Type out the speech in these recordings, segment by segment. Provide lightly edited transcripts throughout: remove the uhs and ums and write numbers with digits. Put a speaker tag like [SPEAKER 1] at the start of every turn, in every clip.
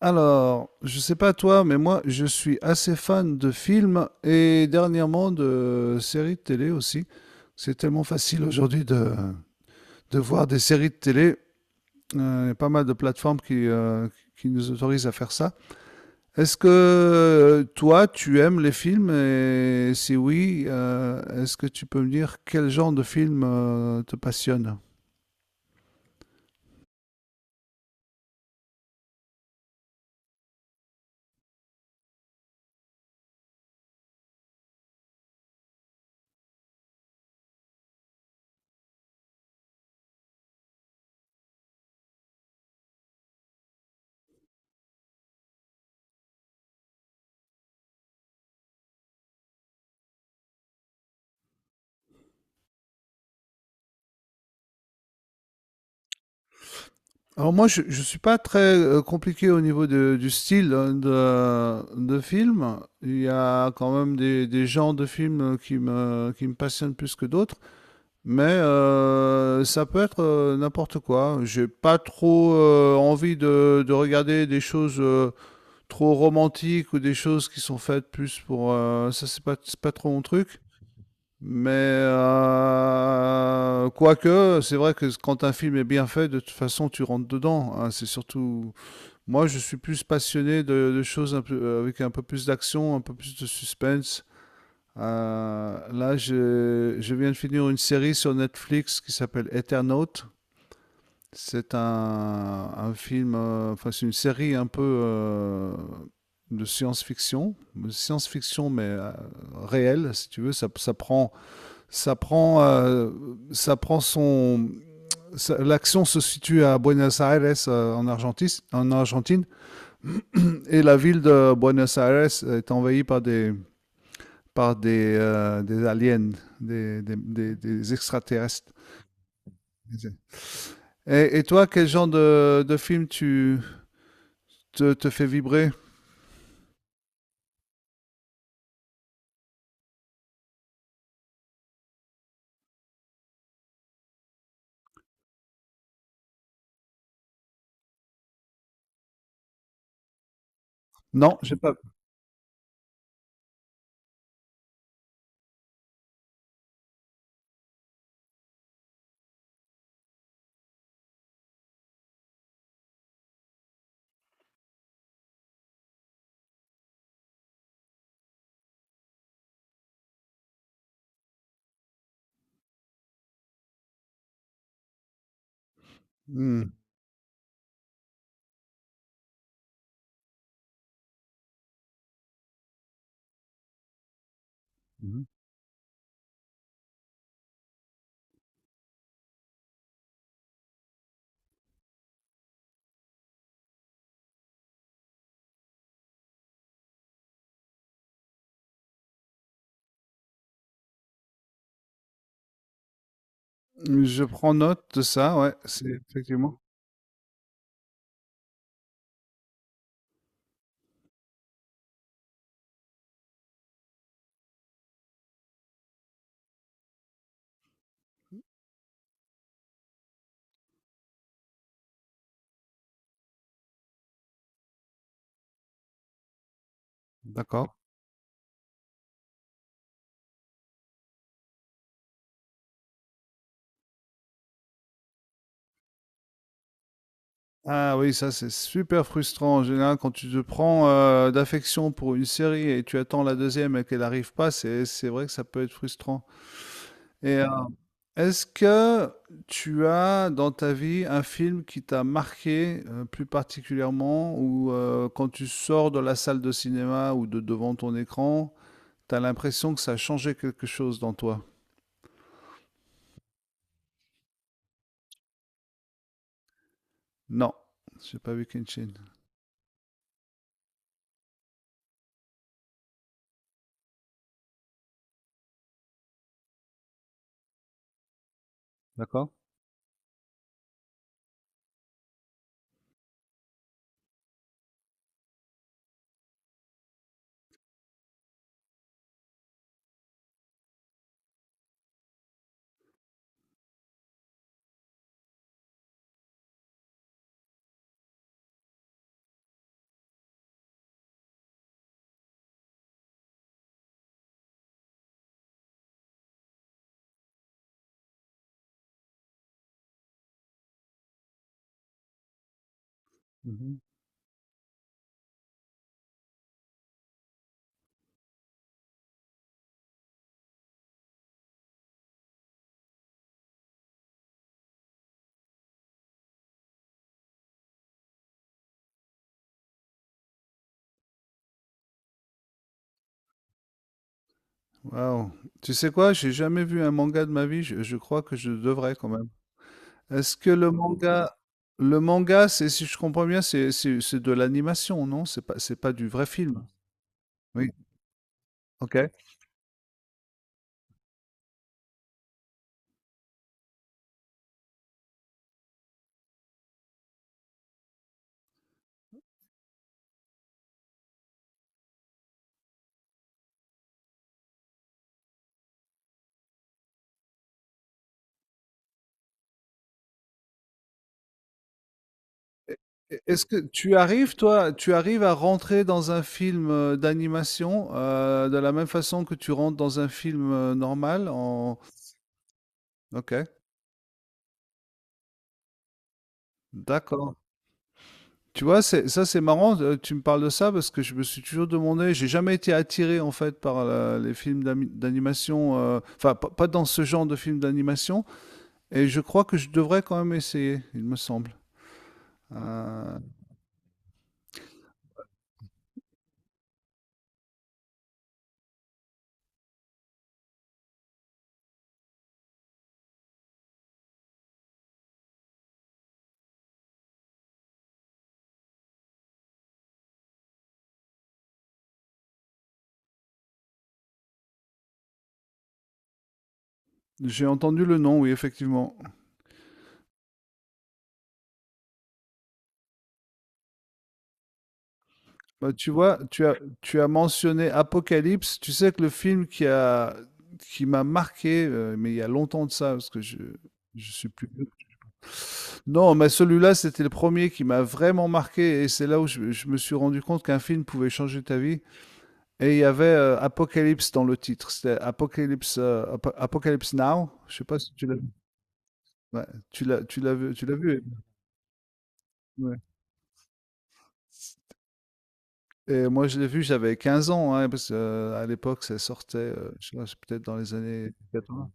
[SPEAKER 1] Alors, je sais pas toi, mais moi, je suis assez fan de films et dernièrement de séries de télé aussi. C'est tellement facile aujourd'hui de voir des séries de télé. Il y a pas mal de plateformes qui nous autorisent à faire ça. Est-ce que toi, tu aimes les films? Et si oui, est-ce que tu peux me dire quel genre de film te passionne? Alors moi, je ne suis pas très compliqué au niveau du style de film. Il y a quand même des genres de films qui me passionnent plus que d'autres. Mais ça peut être n'importe quoi. J'ai pas trop envie de regarder des choses trop romantiques ou des choses qui sont faites plus pour... ça, c'est pas trop mon truc. Mais quoique, c'est vrai que quand un film est bien fait, de toute façon, tu rentres dedans, hein. C'est surtout. Moi, je suis plus passionné de choses un peu, avec un peu plus d'action, un peu plus de suspense. Là, je viens de finir une série sur Netflix qui s'appelle Eternaut. C'est un film, enfin, c'est une série un peu de science-fiction. De science-fiction, mais réelle, si tu veux. Ça prend ça prend, ça prend son. L'action se situe à Buenos Aires, en, en Argentine, et la ville de Buenos Aires est envahie par des des aliens, des extraterrestres. Et toi, quel genre de film tu te fait vibrer? Non, j'ai pas. Hmm. Je prends note de ça, ouais, c'est effectivement. D'accord. Ah oui, ça c'est super frustrant en général quand tu te prends d'affection pour une série et tu attends la deuxième et qu'elle n'arrive pas, c'est vrai que ça peut être frustrant. Et est-ce que tu as dans ta vie un film qui t'a marqué plus particulièrement ou quand tu sors de la salle de cinéma ou de devant ton écran, t'as l'impression que ça a changé quelque chose dans toi? Non, j'ai pas vu Kenshin. D'accord. Waouh. Tu sais quoi? J'ai jamais vu un manga de ma vie. Je crois que je devrais quand même. Est-ce que le manga, Le manga, c'est, si je comprends bien, c'est de l'animation, non? C'est pas du vrai film. Oui. Ok. Est-ce que tu arrives, toi, tu arrives à rentrer dans un film d'animation de la même façon que tu rentres dans un film normal en... Ok. D'accord. Tu vois, ça c'est marrant, tu me parles de ça parce que je me suis toujours demandé, j'ai jamais été attiré en fait par les films d'animation, enfin pas dans ce genre de films d'animation, et je crois que je devrais quand même essayer, il me semble. Euh, j'ai entendu le nom, oui, effectivement. Bah, tu vois, tu as mentionné Apocalypse, tu sais que le film qui m'a marqué, mais il y a longtemps de ça, je suis plus... Non, mais celui-là, c'était le premier qui m'a vraiment marqué et c'est là où je me suis rendu compte qu'un film pouvait changer ta vie. Et il y avait Apocalypse dans le titre. C'était Apocalypse, Apocalypse Now. Je sais pas si tu l'as vu. Ouais, tu l'as vu. Tu l'as vu. Ouais. Et moi, je l'ai vu, j'avais 15 ans, hein, parce qu'à l'époque, ça sortait, je sais pas, c'est peut-être dans les années 80.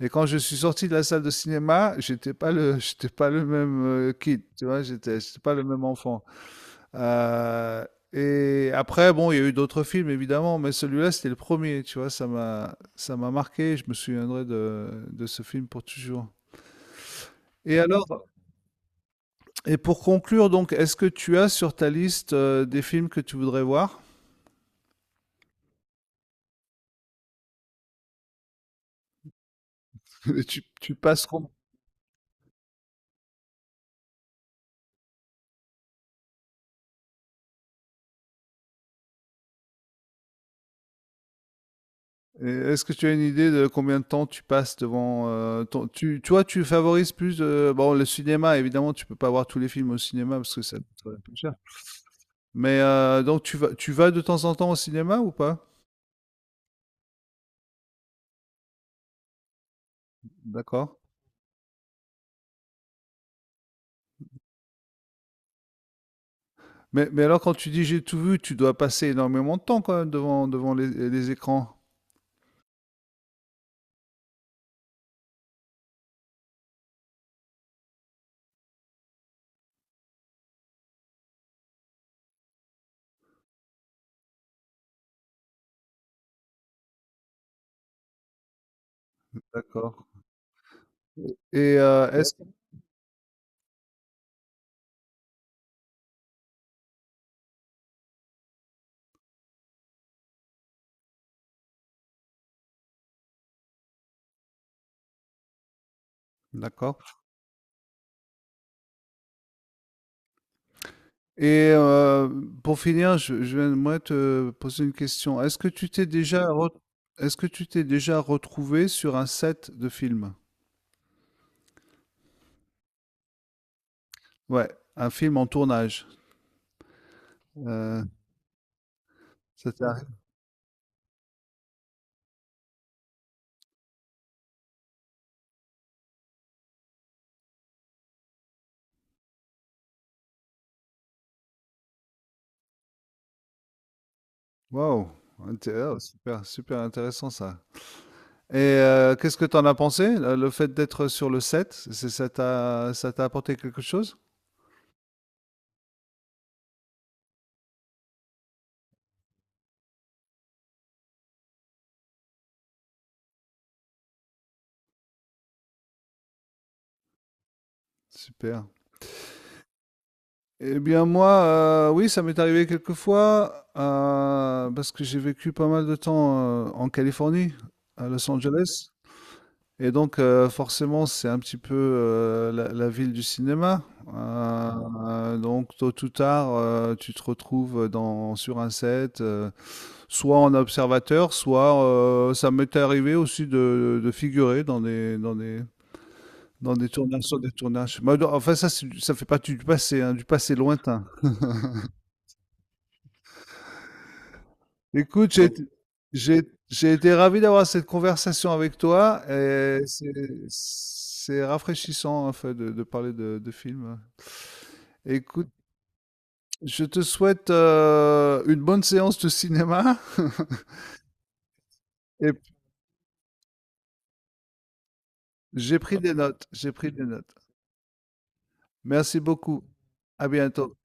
[SPEAKER 1] Et quand je suis sorti de la salle de cinéma, j'étais pas le, j'étais pas le même kid, tu vois, j'étais pas le même enfant. Heu et après bon, il y a eu d'autres films évidemment, mais celui-là, c'était le premier, tu vois? Ça m'a marqué, je me souviendrai de ce film pour toujours. Et alors et pour conclure donc, est-ce que tu as sur ta liste, des films que tu voudrais voir? Tu passes com. Et est-ce que tu as une idée de combien de temps tu passes devant ton... tu, toi, tu favorises plus bon le cinéma, évidemment, tu peux pas voir tous les films au cinéma parce que ça coûte un peu cher. Mais donc tu vas de temps en temps au cinéma ou pas? D'accord. Mais alors quand tu dis j'ai tout vu, tu dois passer énormément de temps quand même devant devant les écrans. D'accord. Et est-ce d'accord. Et pour finir, je vais moi te poser une question. Est-ce que tu t'es déjà retrouvé sur un set de film? Ouais, un film en tournage, heu, ça t'est arrivé. Waouh! Inté oh super, super intéressant ça. Et qu'est-ce que tu en as pensé? Le fait d'être sur le set, c'est ça t'a apporté quelque chose? Super. Eh bien moi, oui, ça m'est arrivé quelques fois, parce que j'ai vécu pas mal de temps, en Californie, à Los Angeles et donc forcément, c'est un petit peu, heu, la ville du cinéma, donc tôt ou tard, tu te retrouves, dans sur un set, soit en observateur, soit, ça m'est arrivé aussi de figurer dans des tournages sur des tournages. Bah, enfin ça, c'est du ça fait partie du passé, hein, du passé lointain. Donc, j'ai- j'ai été ravi d'avoir cette conversation avec toi et c'est rafraîchissant en fait de parler de films. Écoute, je te souhaite une bonne séance de cinéma et j'ai pris des notes, j'ai pris des notes. Merci beaucoup. À bientôt.